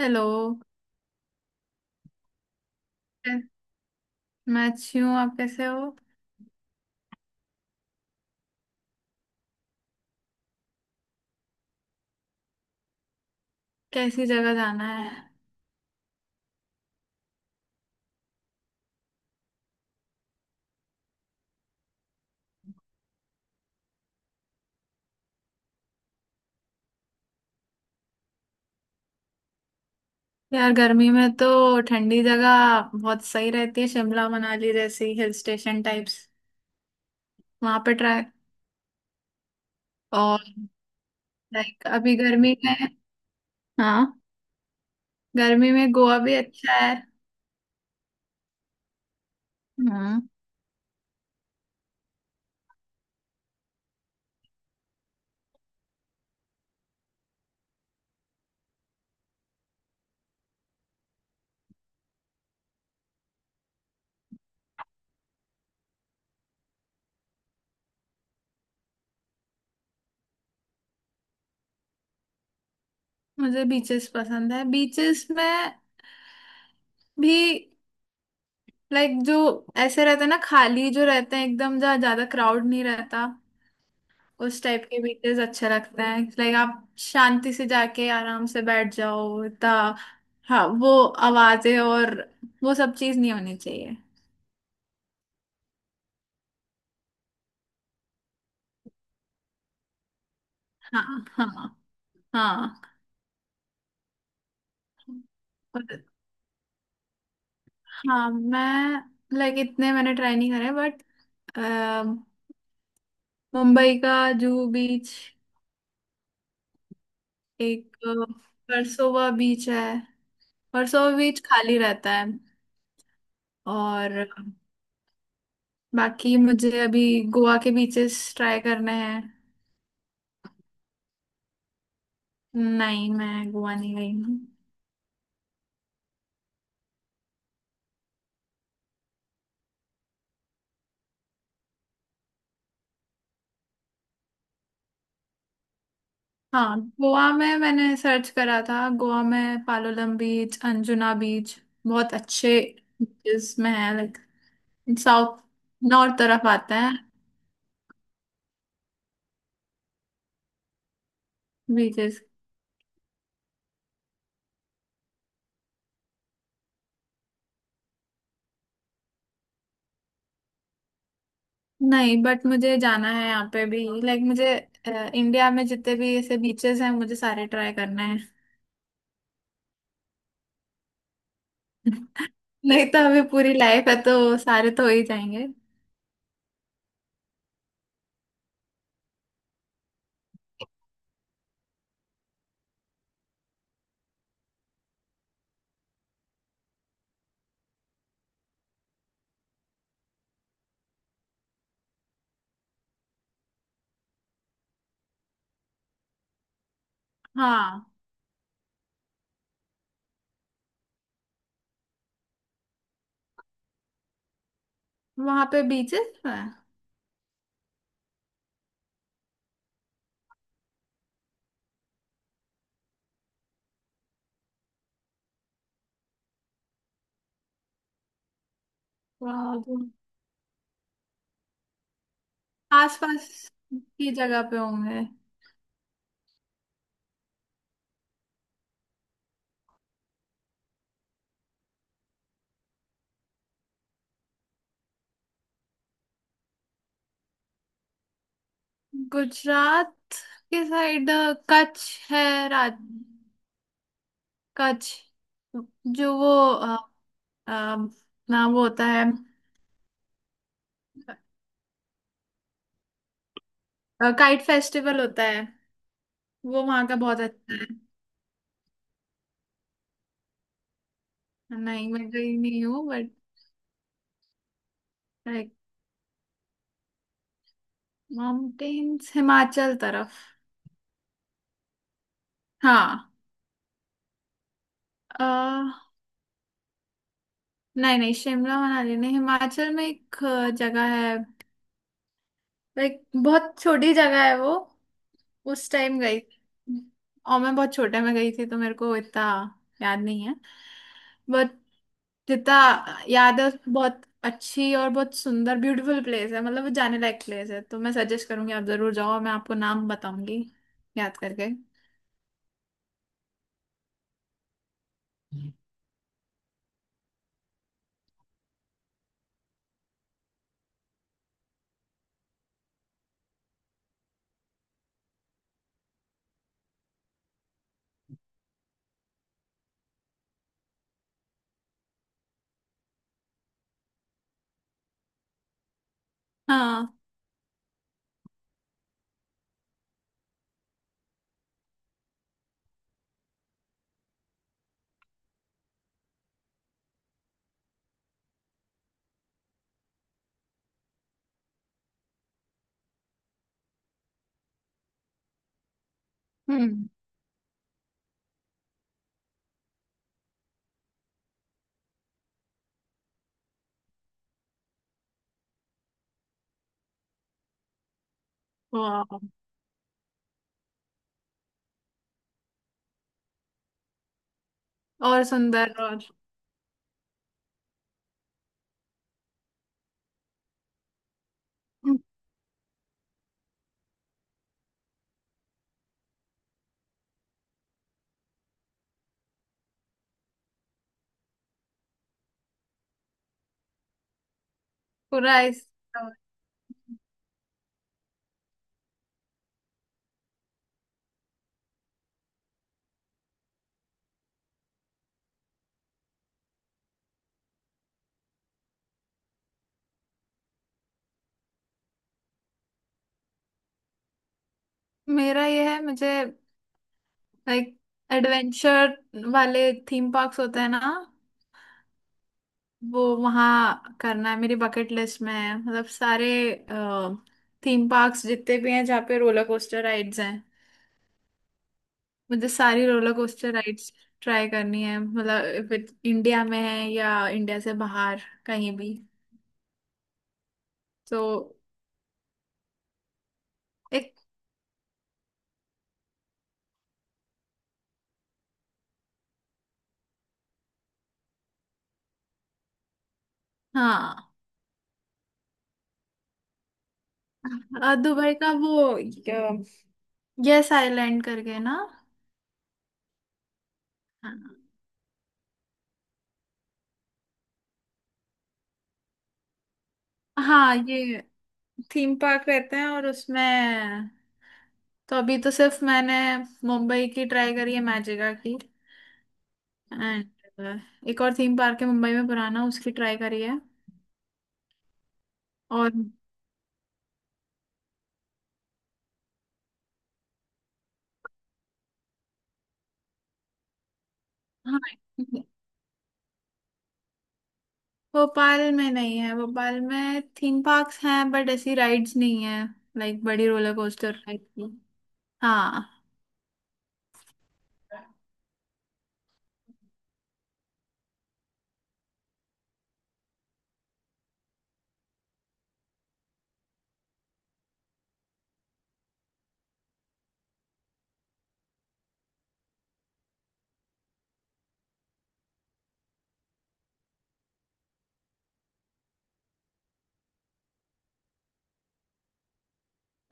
Hello. मैं अच्छी हूँ, आप कैसे हो। कैसी जगह जाना है। यार गर्मी में तो ठंडी जगह बहुत सही रहती है, शिमला मनाली जैसी हिल स्टेशन टाइप्स। वहां पे ट्राई। और लाइक अभी गर्मी में। हाँ, गर्मी में गोवा भी अच्छा है। हम्म। मुझे बीचेस पसंद है। बीचेस में भी लाइक जो ऐसे रहते हैं ना, खाली जो रहते हैं एकदम, जहाँ ज्यादा क्राउड नहीं रहता। उस टाइप के बीचेस अच्छे लगते हैं, लाइक आप शांति से जाके आराम से बैठ जाओ ता। हाँ, वो आवाजें और वो सब चीज नहीं होनी चाहिए। हाँ, हाँ, हाँ। और- हाँ, मैं लाइक इतने मैंने ट्राई नहीं करे, बट मुंबई का जुहू बीच, एक वर्सोवा बीच है। वर्सोवा बीच खाली रहता है। और बाकी मुझे अभी गोवा के बीचेस ट्राई करने हैं। नहीं, मैं गोवा नहीं गई हूँ। हाँ, गोवा में मैंने सर्च करा था, गोवा में पालोलम बीच, अंजुना बीच बहुत अच्छे बीचेस में है। लाइक साउथ नॉर्थ तरफ आते हैं बीचेस। नहीं, बट मुझे जाना है यहाँ पे भी। लाइक मुझे इंडिया में जितने भी ऐसे बीचेस हैं, मुझे सारे ट्राई करना है। नहीं तो अभी पूरी लाइफ है तो सारे तो हो ही जाएंगे। हाँ, वहाँ पे बीचेस है आस पास की जगह पे होंगे। गुजरात के साइड कच्छ है, राज कच्छ, जो वो अ, ना वो होता है, काइट फेस्टिवल होता है, वो वहाँ का बहुत अच्छा है। नहीं, मैं गई नहीं हूँ, बट लाइक माउंटेन्स हिमाचल तरफ। हाँ। अ, नहीं नहीं, शिमला मनाली नहीं, हिमाचल में एक जगह है, लाइक बहुत छोटी जगह है वो। उस टाइम गई थी। और मैं बहुत छोटे में गई थी तो मेरे को इतना याद नहीं है, बट जितना याद है बहुत अच्छी और बहुत सुंदर ब्यूटीफुल प्लेस है। मतलब वो जाने लायक प्लेस है, तो मैं सजेस्ट करूंगी, आप जरूर जाओ, और मैं आपको नाम बताऊंगी याद करके। हाँ। हम्म। वाह। और सुंदर और पूरा इस। मेरा ये है, मुझे लाइक एडवेंचर वाले थीम पार्क्स होते हैं ना, वो वहाँ करना है। मेरी बकेट लिस्ट में है, मतलब सारे थीम पार्क्स जितने भी हैं, जहाँ पे रोलर कोस्टर राइड्स हैं, मुझे सारी रोलर कोस्टर राइड्स ट्राई करनी है। मतलब इफ इंडिया में है या इंडिया से बाहर कहीं भी। तो एक, हाँ, दुबई का वो यस आइलैंड करके ना। हाँ, हाँ, ये थीम पार्क रहते हैं और उसमें तो अभी तो सिर्फ मैंने मुंबई की ट्राई करी है, मैजिका की। एंड एक और थीम पार्क है मुंबई में पुराना, उसकी ट्राई करी है। और हाँ भोपाल में नहीं है, भोपाल में थीम पार्क्स हैं बट ऐसी राइड्स नहीं है, लाइक बड़ी रोलर कोस्टर टाइप की। हाँ।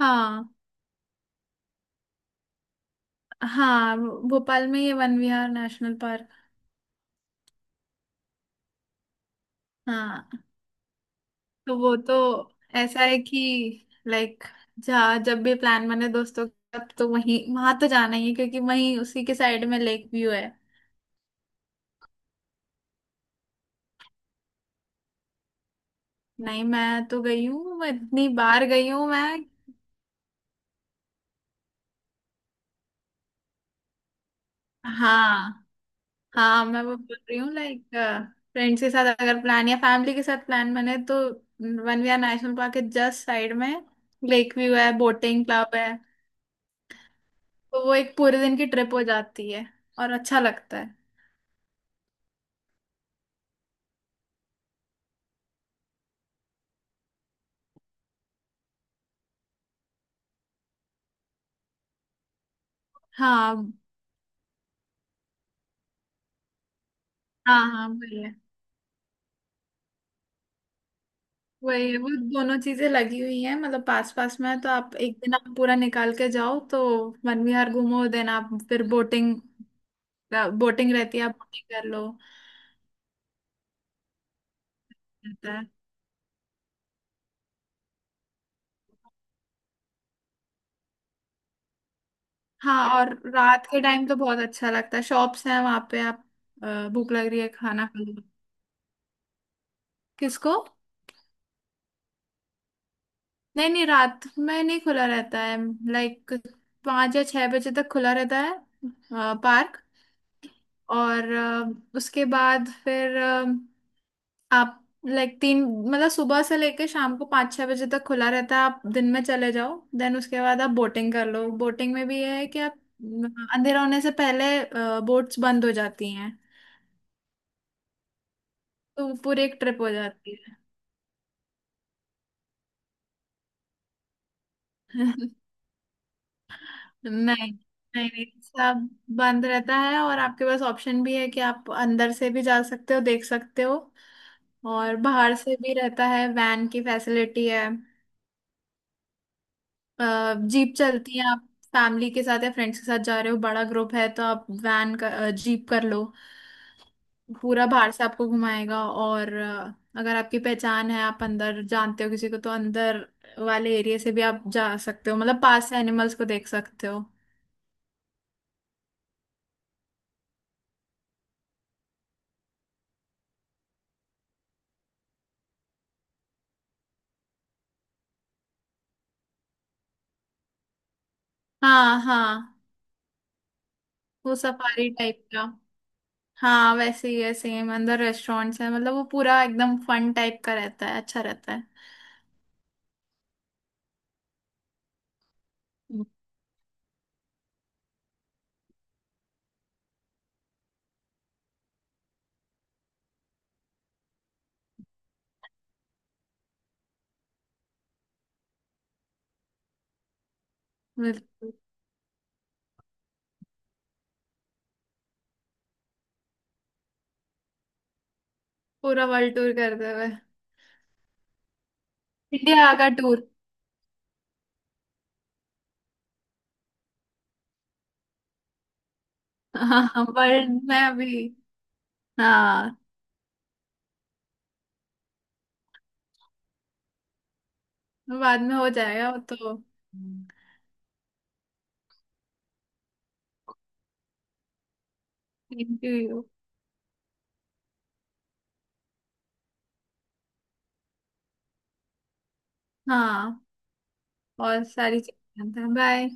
हाँ, हाँ, भोपाल में ये वन विहार नेशनल पार्क। हाँ, तो वो तो ऐसा है कि लाइक जहाँ जब भी प्लान बने दोस्तों का, तब तो वहीं, वहां तो जाना ही है, क्योंकि वहीं उसी के साइड में लेक व्यू है। नहीं, मैं तो गई हूँ, मैं इतनी बार गई हूँ मैं। हाँ। हाँ, मैं वो बोल रही हूँ, लाइक फ्रेंड्स के साथ अगर प्लान या फैमिली के साथ प्लान बने तो वनविहार नेशनल पार्क के जस्ट साइड में लेक व्यू है, बोटिंग क्लब है। तो वो एक पूरे दिन की ट्रिप हो जाती है और अच्छा लगता है। हाँ, हाँ, हाँ, वही है, वो दोनों चीजें लगी हुई हैं, मतलब पास पास में है। तो आप एक दिन आप पूरा निकाल के जाओ तो वनविहार घूमो, देन आप फिर बोटिंग, बोटिंग रहती है, आप बोटिंग कर लो, रहता है। हाँ, और रात के टाइम तो बहुत अच्छा लगता है, शॉप्स हैं वहां पे, आप भूख लग रही है खाना खा लो। किसको। नहीं नहीं, रात में नहीं खुला रहता है। लाइक 5 या 6 बजे तक खुला रहता है पार्क। और उसके बाद फिर आप लाइक तीन, मतलब सुबह से लेके शाम को 5 6 बजे तक खुला रहता है, आप दिन में चले जाओ, देन उसके बाद आप बोटिंग कर लो। बोटिंग में भी ये है कि आप, अम, अंधेरा होने से पहले बोट्स बंद हो जाती हैं, तो पूरी एक ट्रिप हो जाती है। नहीं नहीं, नहीं, सब बंद रहता है, और आपके पास ऑप्शन भी है कि आप अंदर से भी जा सकते हो, देख सकते हो, और बाहर से भी रहता है, वैन की फैसिलिटी है, जीप चलती है। आप फैमिली के साथ या फ्रेंड्स के साथ जा रहे हो, बड़ा ग्रुप है तो आप वैन का, जीप कर लो, पूरा बाहर से आपको घुमाएगा। और अगर आपकी पहचान है, आप अंदर जानते हो किसी को, तो अंदर वाले एरिया से भी आप जा सकते हो, मतलब पास से एनिमल्स को देख सकते हो। हाँ, हाँ, वो सफारी टाइप का। हाँ, वैसे ही है सेम, अंदर रेस्टोरेंट्स है, मतलब वो पूरा एकदम फन टाइप का रहता है, अच्छा रहता है। हम्म। बिल्कुल, पूरा वर्ल्ड टूर करते हुए। इंडिया का टूर। हाँ वर्ल्ड में अभी। हाँ, बाद में हो जाएगा वो तो। हम्म। Thank you. हाँ और सारी चीजें। बाय।